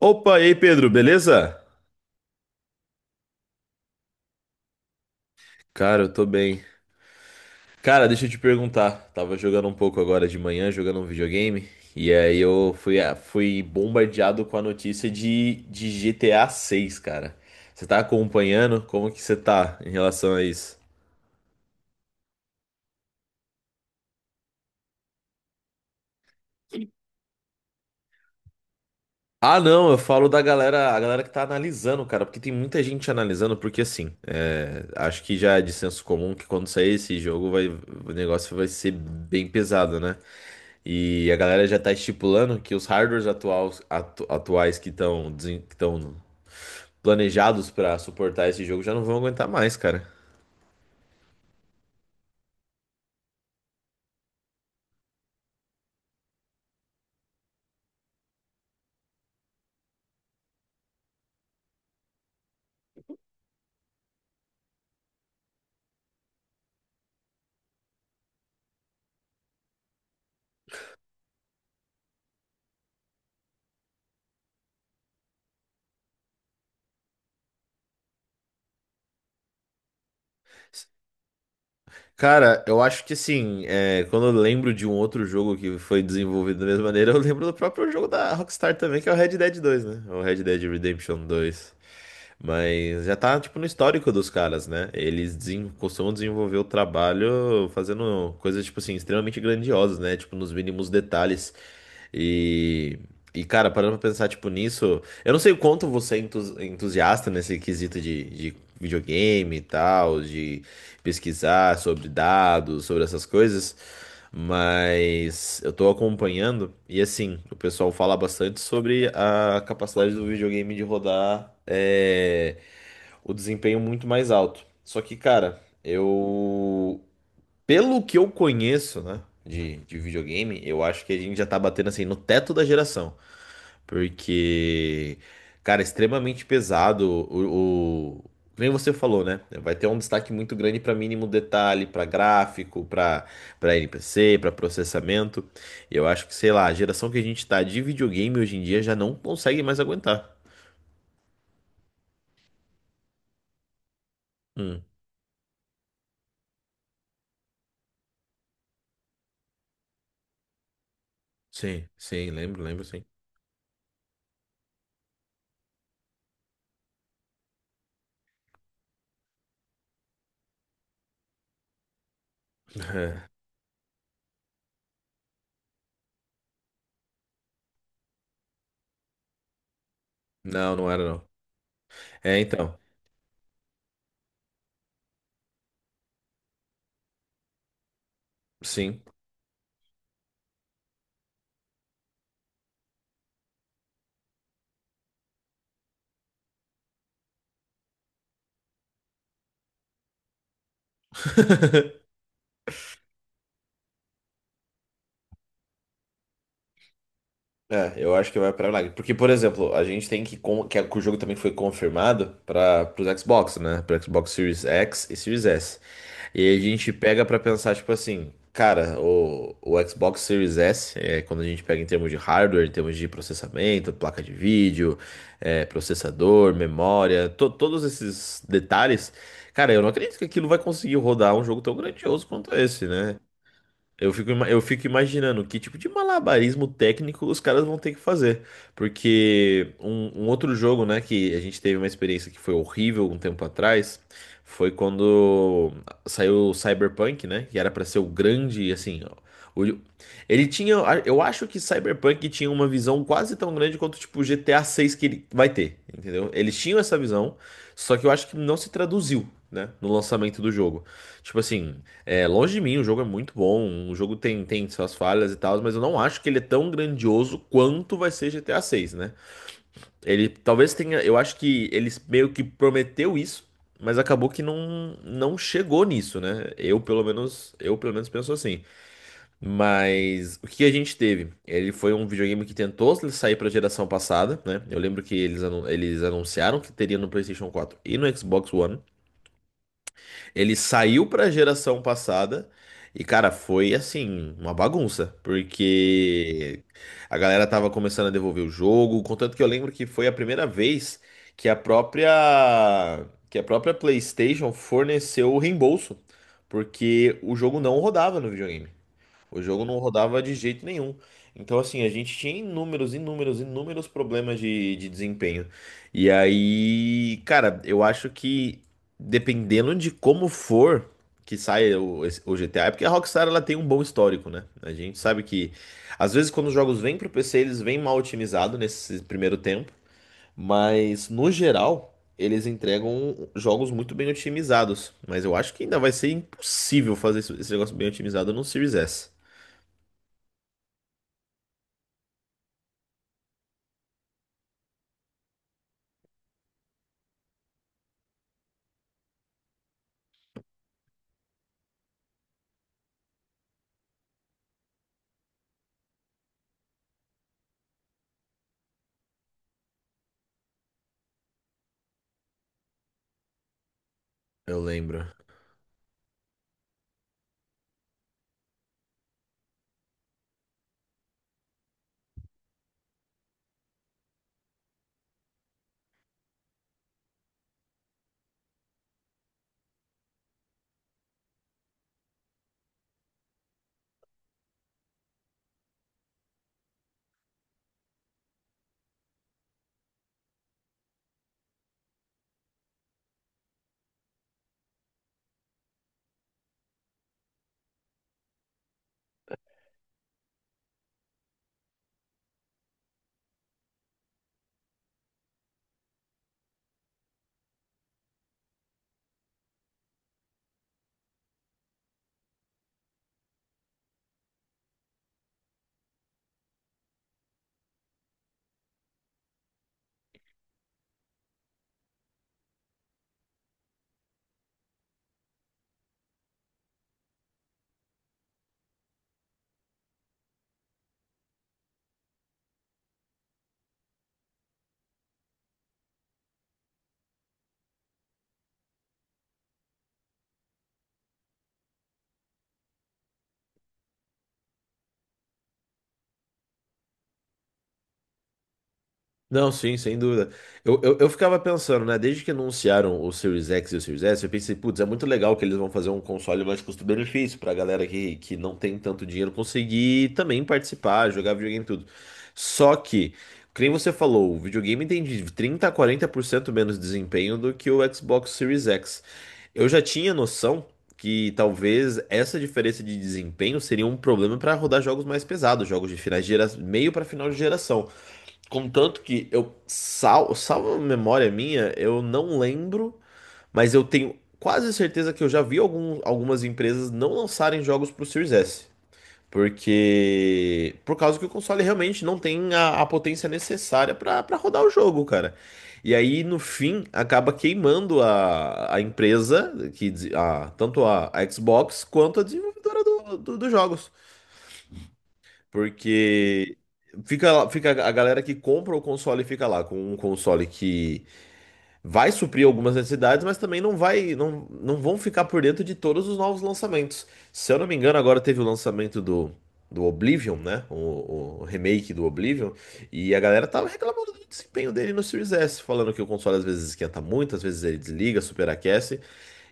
Opa, e aí, Pedro, beleza? Cara, eu tô bem. Cara, deixa eu te perguntar. Tava jogando um pouco agora de manhã, jogando um videogame, e aí eu fui bombardeado com a notícia de GTA 6, cara. Você tá acompanhando? Como que você tá em relação a isso? Ah, não, eu falo da galera, a galera que tá analisando, cara, porque tem muita gente analisando, porque assim, é, acho que já é de senso comum que quando sair esse jogo vai, o negócio vai ser bem pesado, né? E a galera já tá estipulando que os hardwares atuais que estão planejados pra suportar esse jogo já não vão aguentar mais, cara. Cara, eu acho que assim, é, quando eu lembro de um outro jogo que foi desenvolvido da mesma maneira, eu lembro do próprio jogo da Rockstar também, que é o Red Dead 2, né? O Red Dead Redemption 2. Mas já tá, tipo, no histórico dos caras, né? Eles costumam desenvolver o trabalho fazendo coisas, tipo assim, extremamente grandiosas, né? Tipo, nos mínimos detalhes. E, e cara, parando pra pensar, tipo, nisso, eu não sei o quanto você é entusiasta nesse quesito de videogame e tal, de pesquisar sobre dados, sobre essas coisas, mas eu tô acompanhando e assim, o pessoal fala bastante sobre a capacidade do videogame de rodar o desempenho muito mais alto. Só que, cara, pelo que eu conheço, né, de videogame, eu acho que a gente já tá batendo assim no teto da geração. Porque, cara, é extremamente pesado Nem você falou, né? Vai ter um destaque muito grande para mínimo detalhe, para gráfico, para NPC, para processamento. Eu acho que, sei lá, a geração que a gente tá de videogame hoje em dia já não consegue mais aguentar. Hum, sim, sim, lembro, lembro, sim. Não, não era não. É, então, sim. É, eu acho que vai pra milagre. Porque, por exemplo, a gente tem que o jogo também foi confirmado para os Xbox, né? Para Xbox Series X e Series S. E aí a gente pega pra pensar, tipo assim, cara, o Xbox Series S, quando a gente pega em termos de hardware, em termos de processamento, placa de vídeo, processador, memória, todos esses detalhes, cara, eu não acredito que aquilo vai conseguir rodar um jogo tão grandioso quanto esse, né? Eu fico imaginando que tipo de malabarismo técnico os caras vão ter que fazer. Porque um outro jogo, né, que a gente teve uma experiência que foi horrível um tempo atrás, foi quando saiu o Cyberpunk, né, que era pra ser o grande, assim, ó, o- ele tinha, eu acho que Cyberpunk tinha uma visão quase tão grande quanto tipo GTA 6 que ele vai ter, entendeu? Eles tinham essa visão, só que eu acho que não se traduziu, né, no lançamento do jogo. Tipo assim, longe de mim, o jogo é muito bom, o jogo tem suas falhas e tal, mas eu não acho que ele é tão grandioso quanto vai ser GTA 6, né? Ele talvez tenha, eu acho que ele meio que prometeu isso, mas acabou que não, não chegou nisso, né? Eu pelo menos penso assim. Mas o que a gente teve? Ele foi um videogame que tentou sair para a geração passada, né? Eu lembro que eles anunciaram que teria no PlayStation 4 e no Xbox One. Ele saiu pra geração passada e, cara, foi assim, uma bagunça, porque a galera tava começando a devolver o jogo, contanto que eu lembro que foi a primeira vez que a própria PlayStation forneceu o reembolso, porque o jogo não rodava no videogame. O jogo não rodava de jeito nenhum. Então, assim, a gente tinha inúmeros, inúmeros, inúmeros problemas de desempenho. E aí, cara, eu acho que dependendo de como for que saia o GTA, é porque a Rockstar ela tem um bom histórico, né? A gente sabe que, às vezes, quando os jogos vêm pro PC, eles vêm mal otimizados nesse primeiro tempo. Mas, no geral, eles entregam jogos muito bem otimizados. Mas eu acho que ainda vai ser impossível fazer esse negócio bem otimizado no Series S. Eu lembro. Não, sim, sem dúvida. Eu ficava pensando, né? Desde que anunciaram o Series X e o Series S, eu pensei, putz, é muito legal que eles vão fazer um console mais custo-benefício pra galera que não tem tanto dinheiro conseguir também participar, jogar videogame e tudo. Só que, como você falou, o videogame tem de 30 a 40% menos desempenho do que o Xbox Series X. Eu já tinha noção que talvez essa diferença de desempenho seria um problema para rodar jogos mais pesados, jogos de finais de geração, meio para final de geração. Contanto que eu salvo a memória minha, eu não lembro, mas eu tenho quase certeza que eu já vi algumas empresas não lançarem jogos pro Series S. Porque. Por causa que o console realmente não tem a potência necessária pra rodar o jogo, cara. E aí, no fim, acaba queimando a empresa, tanto a Xbox quanto a desenvolvedora dos jogos. Porque fica a galera que compra o console e fica lá com um console que vai suprir algumas necessidades, mas também não vai, não, não vão ficar por dentro de todos os novos lançamentos. Se eu não me engano, agora teve o lançamento do Oblivion, né? O remake do Oblivion, e a galera tava reclamando do desempenho dele no Series S, falando que o console às vezes esquenta muito, às vezes ele desliga, superaquece.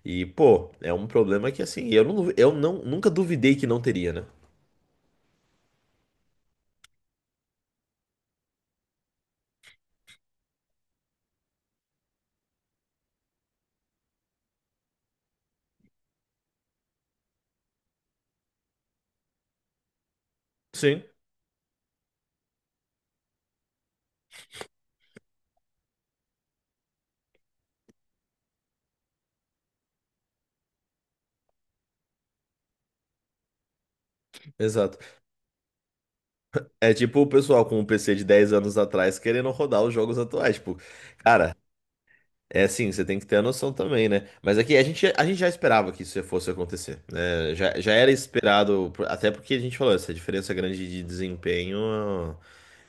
E, pô, é um problema que assim, eu não, nunca duvidei que não teria, né? Sim, exato. É tipo o pessoal com um PC de 10 anos atrás querendo rodar os jogos atuais. Tipo, cara, é assim, você tem que ter a noção também, né? Mas aqui a gente já esperava que isso fosse acontecer, né? Já era esperado, até porque a gente falou, essa diferença grande de desempenho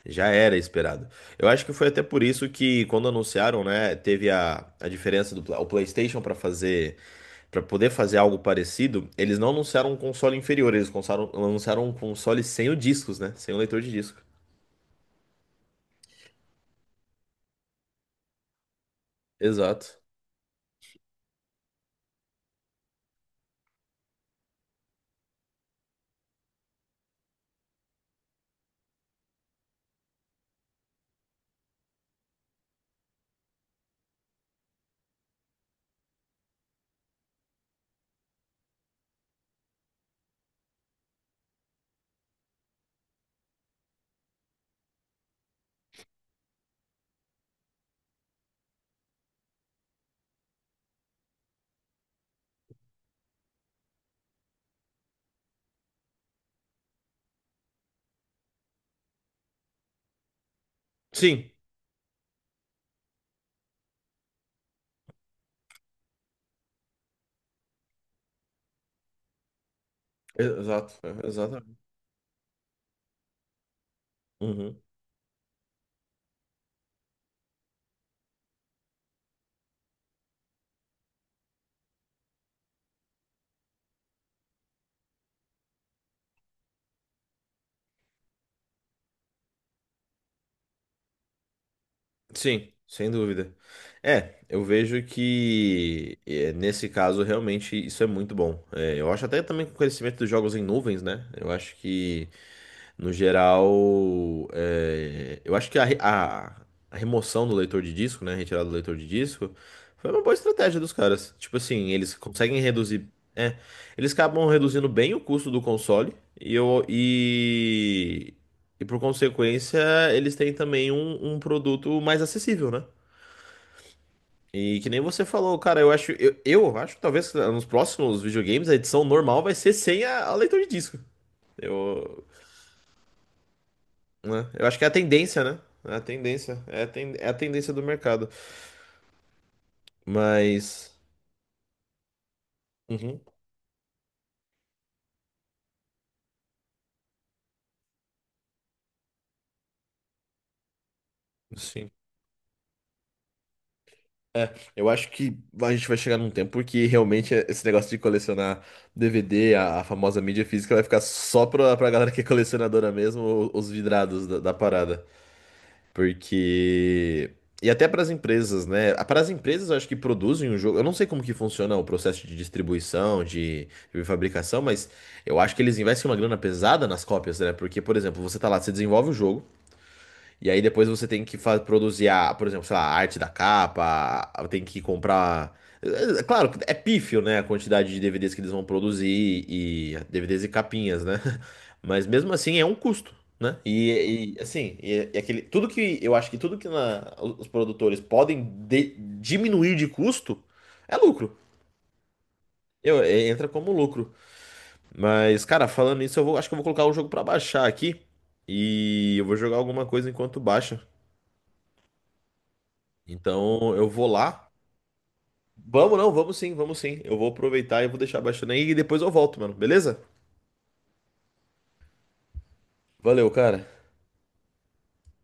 já era esperado. Eu acho que foi até por isso que, quando anunciaram, né, teve a diferença do o PlayStation para fazer, para poder fazer algo parecido, eles não anunciaram um console inferior, eles anunciaram um console sem o discos, né? Sem o leitor de disco. Exato. Sim, exato, é, exatamente. Uhum. Sim, sem dúvida. É, eu vejo que é, nesse caso realmente isso é muito bom. É, eu acho até também que o conhecimento dos jogos em nuvens, né? Eu acho que No geral, eu acho que a remoção do leitor de disco, né? A retirada do leitor de disco foi uma boa estratégia dos caras. Tipo assim, eles conseguem reduzir. É, eles acabam reduzindo bem o custo do console e, eu, e, e por consequência, eles têm também um produto mais acessível, né? E que nem você falou, cara, eu acho que talvez nos próximos videogames a edição normal vai ser sem a leitor de disco. Eu, né? Eu acho que é a tendência, né? É a tendência. É a tendência do mercado. Mas. Uhum, sim. Eu acho que a gente vai chegar num tempo porque realmente esse negócio de colecionar DVD, a famosa mídia física, vai ficar só pra galera que é colecionadora mesmo, os vidrados da parada. Porque. E até para as empresas, né? Para as empresas, eu acho que produzem o jogo. Eu não sei como que funciona o processo de distribuição, de fabricação, mas eu acho que eles investem uma grana pesada nas cópias, né? Porque, por exemplo, você tá lá, você desenvolve o jogo. E aí depois você tem que produzir a, por exemplo, sei lá, a arte da capa, tem que comprar. É, claro, que é pífio, né? A quantidade de DVDs que eles vão produzir e DVDs e capinhas, né? Mas mesmo assim é um custo, né? E, assim, e aquele, tudo que eu acho que tudo que os produtores podem diminuir de custo é lucro. Entra como lucro. Mas, cara, falando nisso, acho que eu vou colocar o jogo pra baixar aqui e eu vou jogar alguma coisa enquanto baixa. Então eu vou lá. Vamos não, vamos sim, vamos sim. Eu vou aproveitar e vou deixar baixando aí e depois eu volto, mano. Beleza? Valeu, cara.